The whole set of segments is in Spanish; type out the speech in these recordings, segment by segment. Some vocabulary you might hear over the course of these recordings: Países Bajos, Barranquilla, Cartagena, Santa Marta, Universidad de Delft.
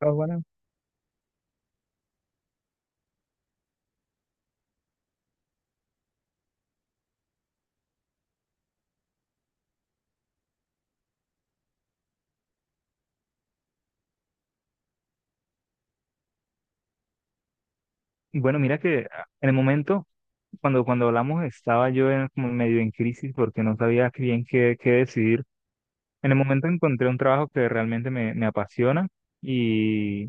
Ah, bueno. Bueno, mira que en el momento, cuando hablamos, estaba yo en, como medio en crisis porque no sabía qué decidir. En el momento encontré un trabajo que realmente me apasiona y,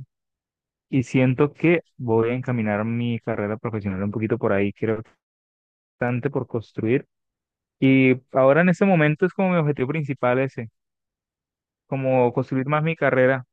y siento que voy a encaminar mi carrera profesional un poquito por ahí. Creo que bastante por construir. Y ahora en este momento es como mi objetivo principal ese, como construir más mi carrera.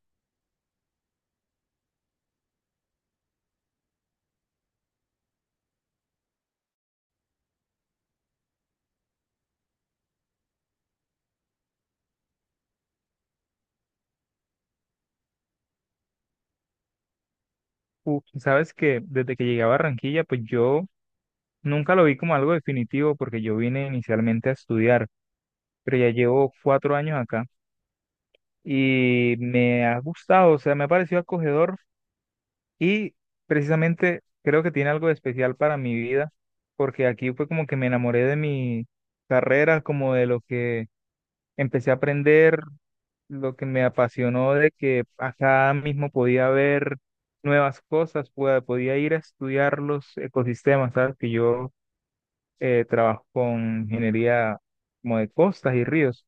Sabes que desde que llegué a Barranquilla, pues yo nunca lo vi como algo definitivo porque yo vine inicialmente a estudiar. Pero ya llevo 4 años acá y me ha gustado, o sea, me ha parecido acogedor y precisamente creo que tiene algo de especial para mi vida, porque aquí fue como que me enamoré de mi carrera, como de lo que empecé a aprender, lo que me apasionó de que acá mismo podía ver nuevas cosas, podía ir a estudiar los ecosistemas, ¿sabes? Que yo trabajo con ingeniería como de costas y ríos.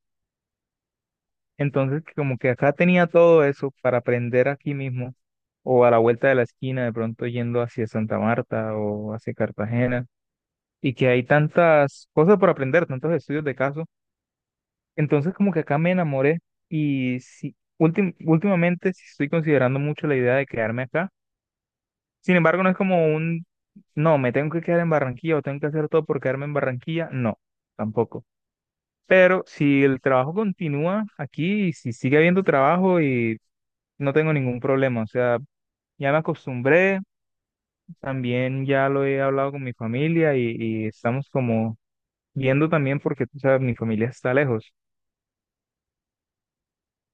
Entonces, como que acá tenía todo eso para aprender aquí mismo, o a la vuelta de la esquina, de pronto yendo hacia Santa Marta o hacia Cartagena, y que hay tantas cosas por aprender, tantos estudios de caso. Entonces, como que acá me enamoré y sí, últimamente sí estoy considerando mucho la idea de quedarme acá. Sin embargo, no es como no, me tengo que quedar en Barranquilla o tengo que hacer todo por quedarme en Barranquilla, no, tampoco. Pero si el trabajo continúa aquí, y si sigue habiendo trabajo y no tengo ningún problema, o sea, ya me acostumbré, también ya lo he hablado con mi familia y estamos como viendo también porque, tú sabes, mi familia está lejos.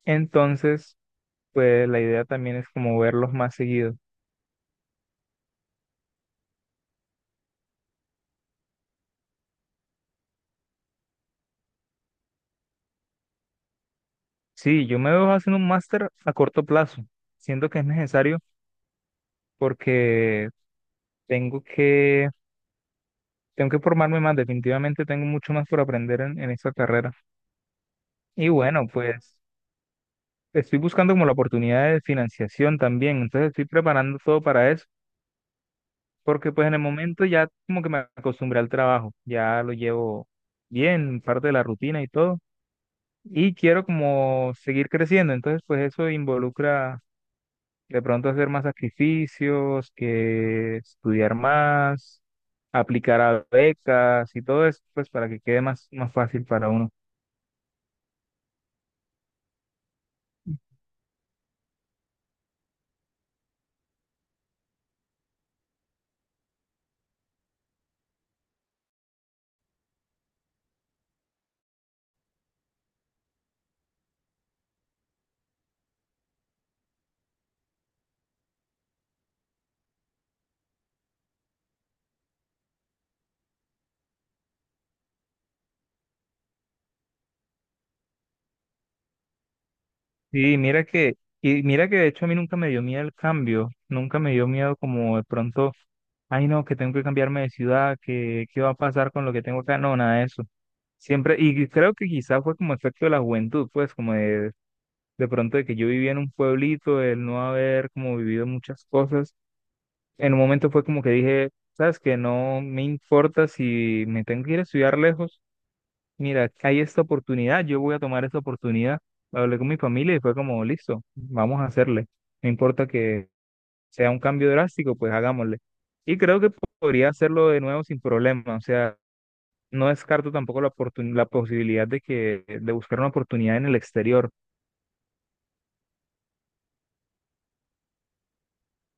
Entonces, pues la idea también es como verlos más seguido. Sí, yo me veo haciendo un máster a corto plazo. Siento que es necesario porque tengo que, tengo que formarme más, definitivamente tengo mucho más por aprender en esta carrera. Y bueno, pues estoy buscando como la oportunidad de financiación también, entonces estoy preparando todo para eso. Porque pues en el momento ya como que me acostumbré al trabajo, ya lo llevo bien, parte de la rutina y todo, y quiero como seguir creciendo, entonces pues eso involucra de pronto hacer más sacrificios, que estudiar más, aplicar a becas y todo eso, pues para que quede más, más fácil para uno. Sí, mira que de hecho a mí nunca me dio miedo el cambio, nunca me dio miedo como de pronto, ay no, que tengo que cambiarme de ciudad, que qué va a pasar con lo que tengo acá, no, nada de eso. Siempre, y creo que quizás fue como efecto de la juventud, pues como de pronto de que yo vivía en un pueblito, el no haber como vivido muchas cosas, en un momento fue como que dije, sabes que no me importa si me tengo que ir a estudiar lejos, mira, hay esta oportunidad, yo voy a tomar esta oportunidad. Hablé con mi familia y fue como, listo, vamos a hacerle. No importa que sea un cambio drástico, pues hagámosle. Y creo que podría hacerlo de nuevo sin problema. O sea, no descarto tampoco la posibilidad de que de buscar una oportunidad en el exterior.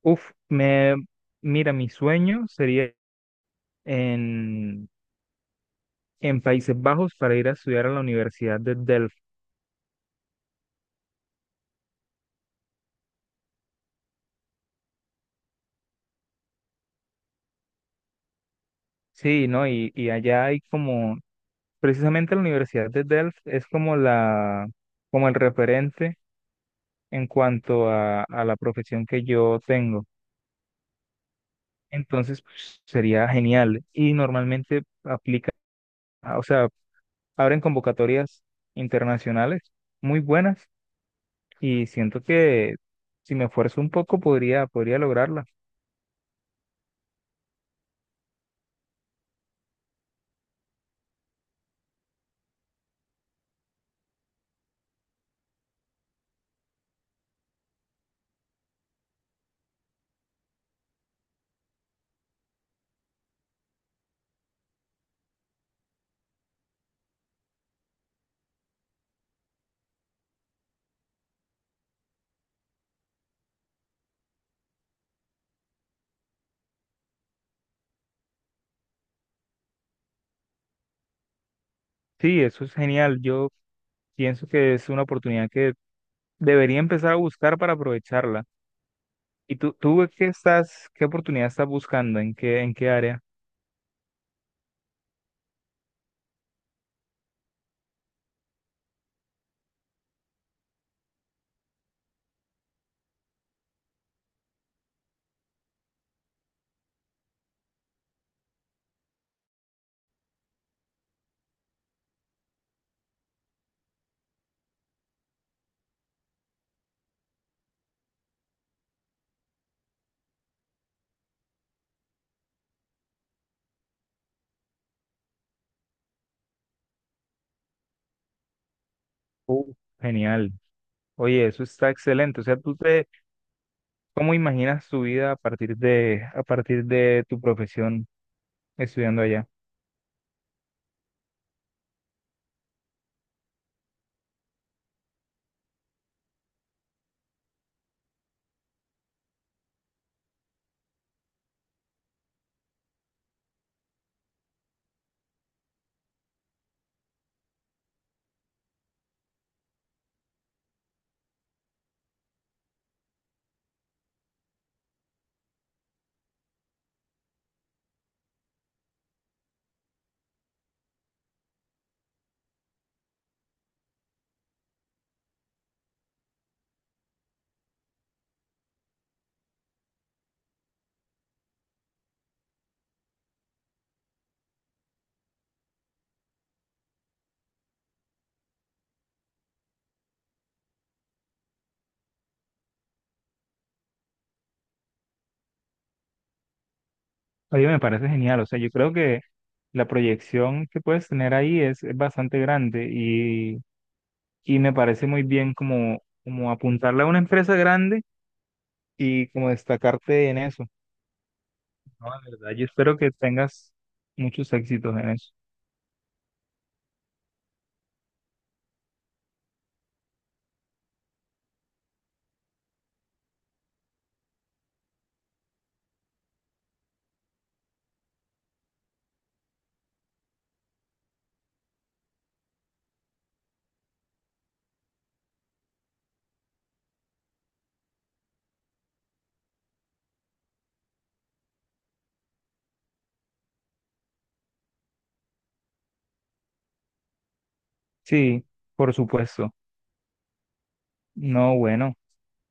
Uf, me mira, mi sueño sería en, en Países Bajos para ir a estudiar a la Universidad de Delft. Sí, ¿no? Y allá hay como precisamente la Universidad de Delft es como como el referente en cuanto a la profesión que yo tengo. Entonces, pues, sería genial. Y normalmente aplica, o sea, abren convocatorias internacionales muy buenas y siento que si me esfuerzo un poco podría lograrla. Sí, eso es genial. Yo pienso que es una oportunidad que debería empezar a buscar para aprovecharla. ¿Y tú qué oportunidad estás buscando? ¿En qué área? Uh, Genial. Oye, eso está excelente. O sea, cómo imaginas tu vida a partir de tu profesión estudiando allá? Oye, me parece genial. O sea, yo creo que la proyección que puedes tener ahí es bastante grande y me parece muy bien como, como apuntarle a una empresa grande y como destacarte en eso. No, la verdad, yo espero que tengas muchos éxitos en eso. Sí, por supuesto. No, bueno,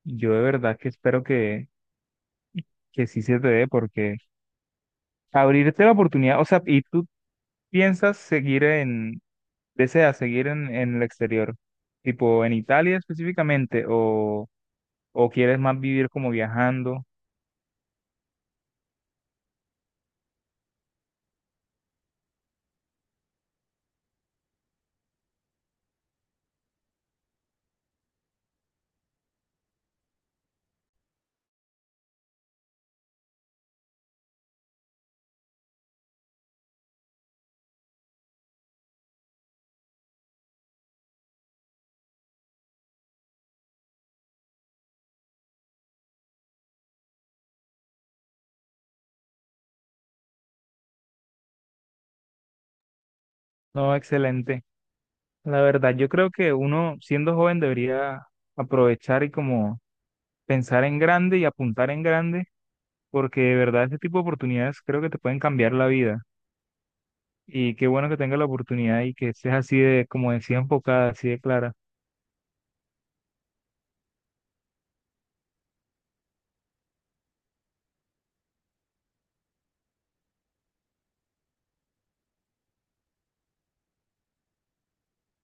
yo de verdad que espero que sí se te dé porque abrirte la oportunidad, o sea, y tú piensas deseas seguir en el exterior, tipo en Italia específicamente, o quieres más vivir como viajando. No, excelente. La verdad, yo creo que uno siendo joven debería aprovechar y como pensar en grande y apuntar en grande, porque de verdad este tipo de oportunidades creo que te pueden cambiar la vida. Y qué bueno que tenga la oportunidad y que estés así de, como decía, enfocada, así de clara.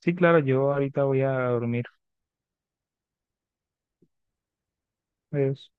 Sí, claro, yo ahorita voy a dormir. Adiós.